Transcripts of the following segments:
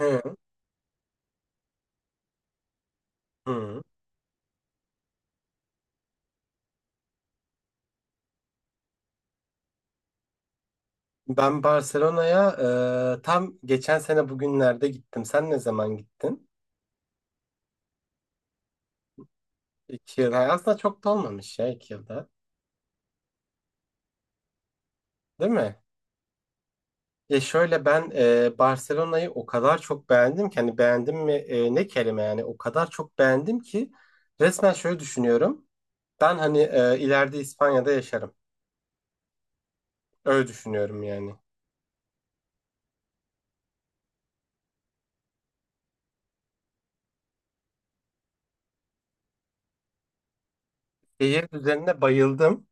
Hı, hı. Ben Barcelona'ya tam geçen sene bugünlerde gittim. Sen ne zaman gittin? 2 yıl. Aslında çok da olmamış ya 2 yılda. Değil mi? Ya şöyle ben Barcelona'yı o kadar çok beğendim ki hani beğendim mi ne kelime yani o kadar çok beğendim ki resmen şöyle düşünüyorum. Ben hani ileride İspanya'da yaşarım. Öyle düşünüyorum yani. Şehir üzerine bayıldım.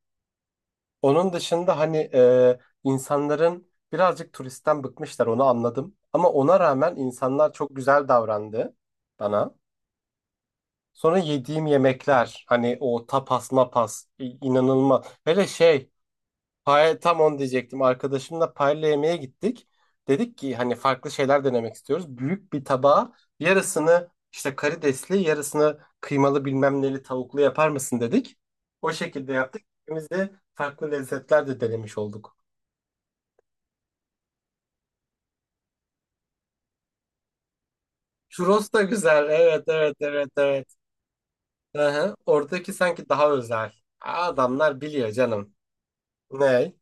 Onun dışında hani insanların birazcık turistten bıkmışlar onu anladım. Ama ona rağmen insanlar çok güzel davrandı bana. Sonra yediğim yemekler hani o tapas mapas inanılmaz. Hele şey tam onu diyecektim arkadaşımla paella yemeğe gittik. Dedik ki hani farklı şeyler denemek istiyoruz. Büyük bir tabağa yarısını işte karidesli yarısını kıymalı bilmem neli tavuklu yapar mısın dedik. O şekilde yaptık. İkimiz de farklı lezzetler de denemiş olduk. Churros da güzel. Evet, evet, evet, evet. Hı hı. Oradaki sanki daha özel. Adamlar biliyor canım. Ne?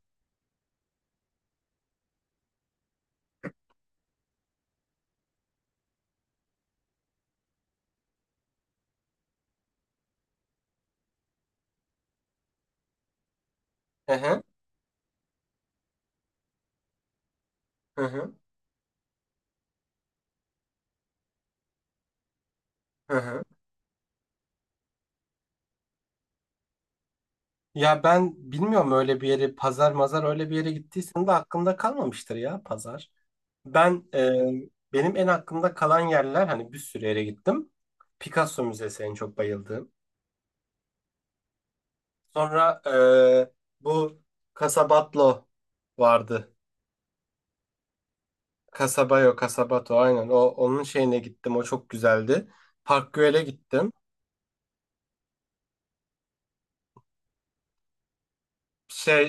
Hı hı. Hı hı. Hı hı. Ya ben bilmiyorum öyle bir yeri pazar mazar öyle bir yere gittiysen de aklımda kalmamıştır ya pazar. Benim en aklımda kalan yerler hani bir sürü yere gittim. Picasso Müzesi en çok bayıldığım. Sonra bu Casabatlo vardı. Kasabayo, Kasabato aynen. O onun şeyine gittim. O çok güzeldi. Park Güell'e gittim. Şey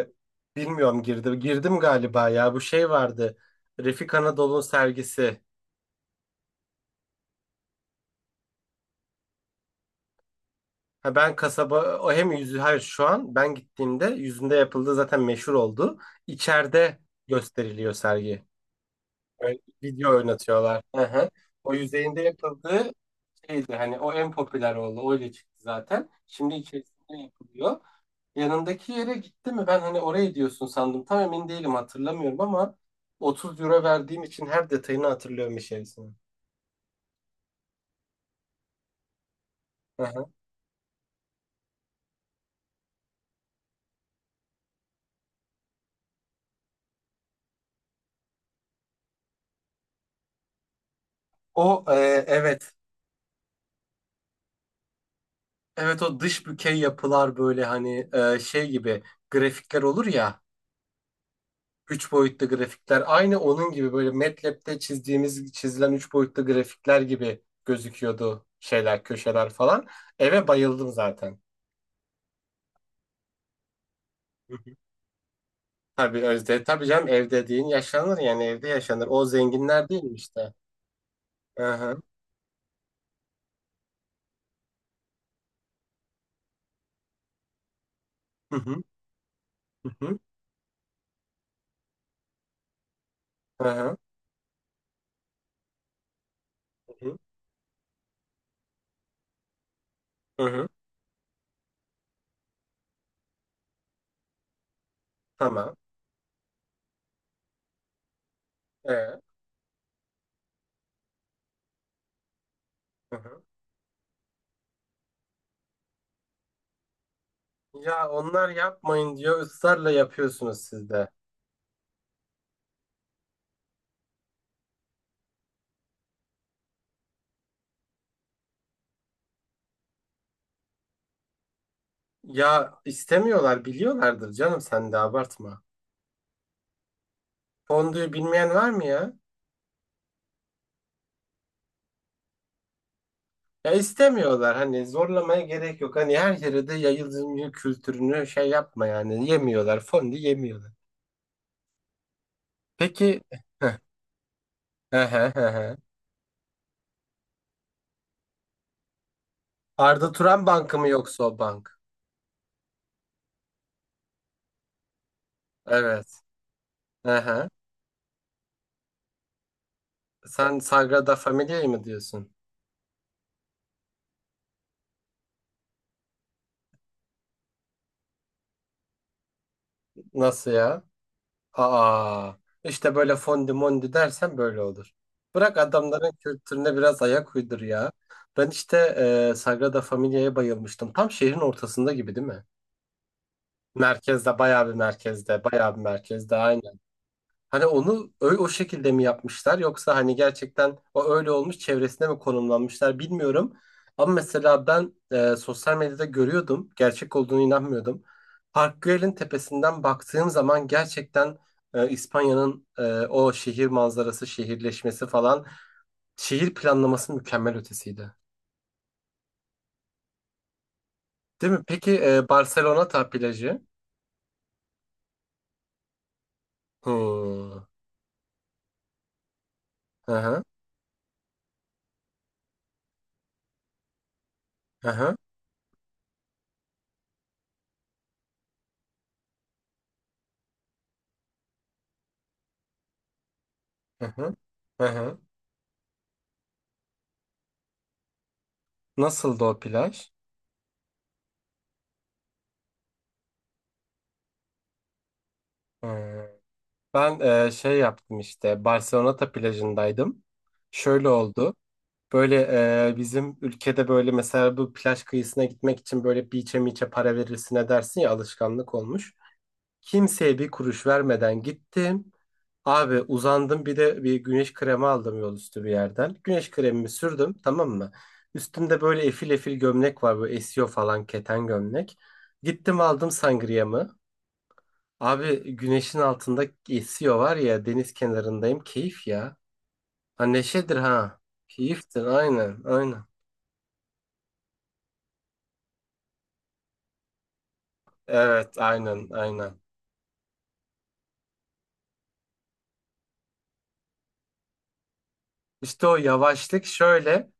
e, bilmiyorum girdim. Girdim galiba ya. Bu şey vardı. Refik Anadolu'nun sergisi. Ha ben kasaba o hem yüzü hayır şu an ben gittiğimde yüzünde yapıldığı zaten meşhur oldu. İçeride gösteriliyor sergi. Böyle video oynatıyorlar. Hı hı. O yüzeyinde yapıldığı şeydi hani o en popüler oldu. Öyle çıktı zaten. Şimdi içerisinde yapılıyor. Yanındaki yere gitti mi? Ben hani oraya diyorsun sandım. Tam emin değilim hatırlamıyorum ama 30 € verdiğim için her detayını hatırlıyorum içerisinde. Hı hı. O, evet. Evet o dış bükey yapılar böyle hani şey gibi grafikler olur ya. Üç boyutlu grafikler. Aynı onun gibi böyle MATLAB'de çizdiğimiz çizilen 3 boyutlu grafikler gibi gözüküyordu şeyler köşeler falan. Eve bayıldım zaten. Hı hı. Tabii Özde. Tabii canım ev dediğin yaşanır yani evde yaşanır. O zenginler değil mi işte? Aha, hı hı. Hı hı. Aha, hı hı. Hı hı. Tamam. Hı hı. Ya onlar yapmayın diyor, ısrarla yapıyorsunuz siz de. Ya istemiyorlar biliyorlardır canım sen de abartma. Fondüyü bilmeyen var mı ya? Ya istemiyorlar hani zorlamaya gerek yok. Hani her yere de yayılımcı kültürünü şey yapma yani. Yemiyorlar fondü yemiyorlar. Peki. Heh, he he he he. Arda Turan Bankı mı yoksa o bank? Evet. Hı hı. Sen Sagrada Familia'yı mı diyorsun? Nasıl ya? Aa, işte böyle fondi mondi dersen böyle olur. Bırak adamların kültürüne biraz ayak uydur ya. Ben işte Sagrada Familia'ya bayılmıştım. Tam şehrin ortasında gibi değil mi? Merkezde, bayağı bir merkezde, bayağı bir merkezde. Hani onu öyle o şekilde mi yapmışlar yoksa hani gerçekten o öyle olmuş çevresine mi konumlanmışlar bilmiyorum. Ama mesela ben sosyal medyada görüyordum. Gerçek olduğunu inanmıyordum. Park Güell'in tepesinden baktığım zaman gerçekten İspanya'nın o şehir manzarası, şehirleşmesi falan şehir planlaması mükemmel ötesiydi. Değil mi? Peki Barcelona ta plajı. Hmm. Hı, aha, aha, aha. Hı Nasıldı o plaj? Hı. Ben şey yaptım işte Barceloneta plajındaydım. Şöyle oldu. Böyle bizim ülkede böyle mesela bu plaj kıyısına gitmek için böyle beach'e miçe para verirsin dersin ya alışkanlık olmuş. Kimseye bir kuruş vermeden gittim. Abi uzandım bir de bir güneş kremi aldım yol üstü bir yerden. Güneş kremimi sürdüm tamam mı? Üstümde böyle efil efil gömlek var böyle esiyor falan keten gömlek. Gittim aldım sangriyamı. Abi güneşin altında esiyor var ya deniz kenarındayım keyif ya. Ha neşedir ha. Keyiftir aynen aynen. Evet aynen aynen. İşte o yavaşlık şöyle.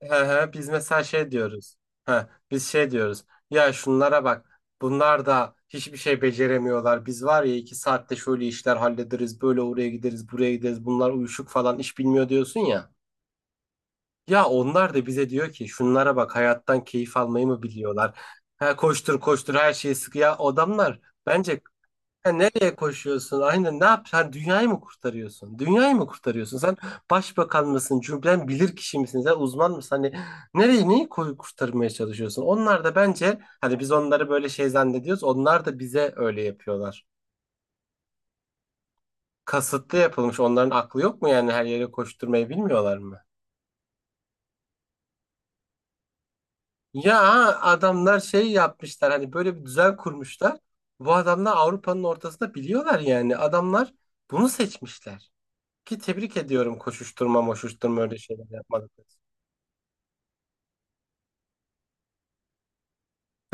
He he, biz mesela şey diyoruz. Ha biz şey diyoruz. Ya şunlara bak. Bunlar da hiçbir şey beceremiyorlar. Biz var ya 2 saatte şöyle işler hallederiz. Böyle oraya gideriz buraya gideriz. Bunlar uyuşuk falan iş bilmiyor diyorsun ya. Ya onlar da bize diyor ki şunlara bak hayattan keyif almayı mı biliyorlar? Ha, koştur koştur her şeyi sık. Ya adamlar bence "Ha, nereye koşuyorsun? Aynen ne yap? Sen dünyayı mı kurtarıyorsun? Dünyayı mı kurtarıyorsun? Sen başbakan mısın? Cümlen bilir kişi misin? Sen uzman mısın? Hani nereyi neyi koyu kurtarmaya çalışıyorsun? Onlar da bence hani biz onları böyle şey zannediyoruz. Onlar da bize öyle yapıyorlar. Kasıtlı yapılmış. Onların aklı yok mu yani her yere koşturmayı bilmiyorlar mı? Ya adamlar şey yapmışlar hani böyle bir düzen kurmuşlar. Bu adamlar Avrupa'nın ortasında biliyorlar yani. Adamlar bunu seçmişler. Ki tebrik ediyorum koşuşturma moşuşturma öyle şeyler yapmadık.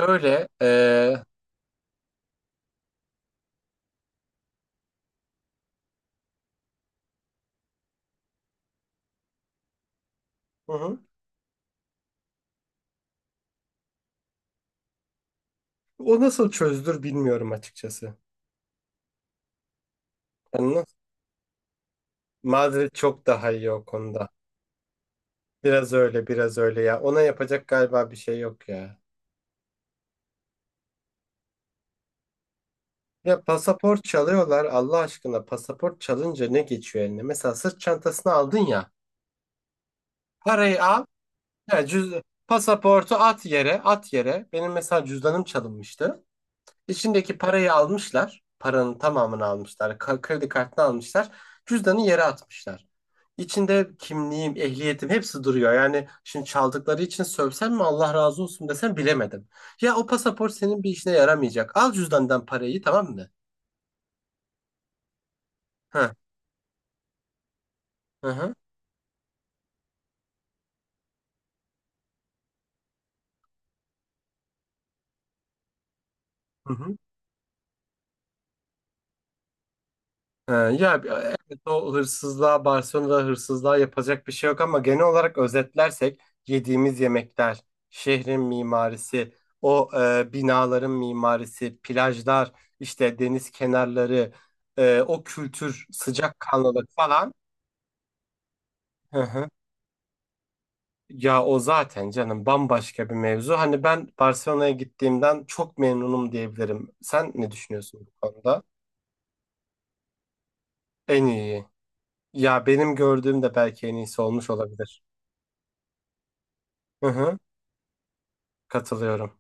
Şöyle, hı hı. O nasıl çözülür bilmiyorum açıkçası. Yani nasıl- Madrid çok daha iyi o konuda. Biraz öyle biraz öyle ya. Ona yapacak galiba bir şey yok ya. Ya pasaport çalıyorlar Allah aşkına pasaport çalınca ne geçiyor eline? Mesela sırt çantasını aldın ya. Parayı Ya cüz pasaportu at yere, at yere. Benim mesela cüzdanım çalınmıştı. İçindeki parayı almışlar. Paranın tamamını almışlar. Kredi kartını almışlar. Cüzdanı yere atmışlar. İçinde kimliğim, ehliyetim hepsi duruyor. Yani şimdi çaldıkları için sövsem mi Allah razı olsun desem bilemedim. Ya o pasaport senin bir işine yaramayacak. Al cüzdandan parayı tamam mı? Hı hı. Hı hı. Ya, evet o hırsızlığa, Barcelona'da hırsızlığa yapacak bir şey yok ama genel olarak özetlersek yediğimiz yemekler, şehrin mimarisi, o binaların mimarisi, plajlar, işte deniz kenarları, o kültür, sıcakkanlılık falan. Hı hı. Ya o zaten canım bambaşka bir mevzu. Hani ben Barcelona'ya gittiğimden çok memnunum diyebilirim. Sen ne düşünüyorsun bu konuda? En iyi. Ya benim gördüğüm de belki en iyisi olmuş olabilir. Hı hı. Katılıyorum.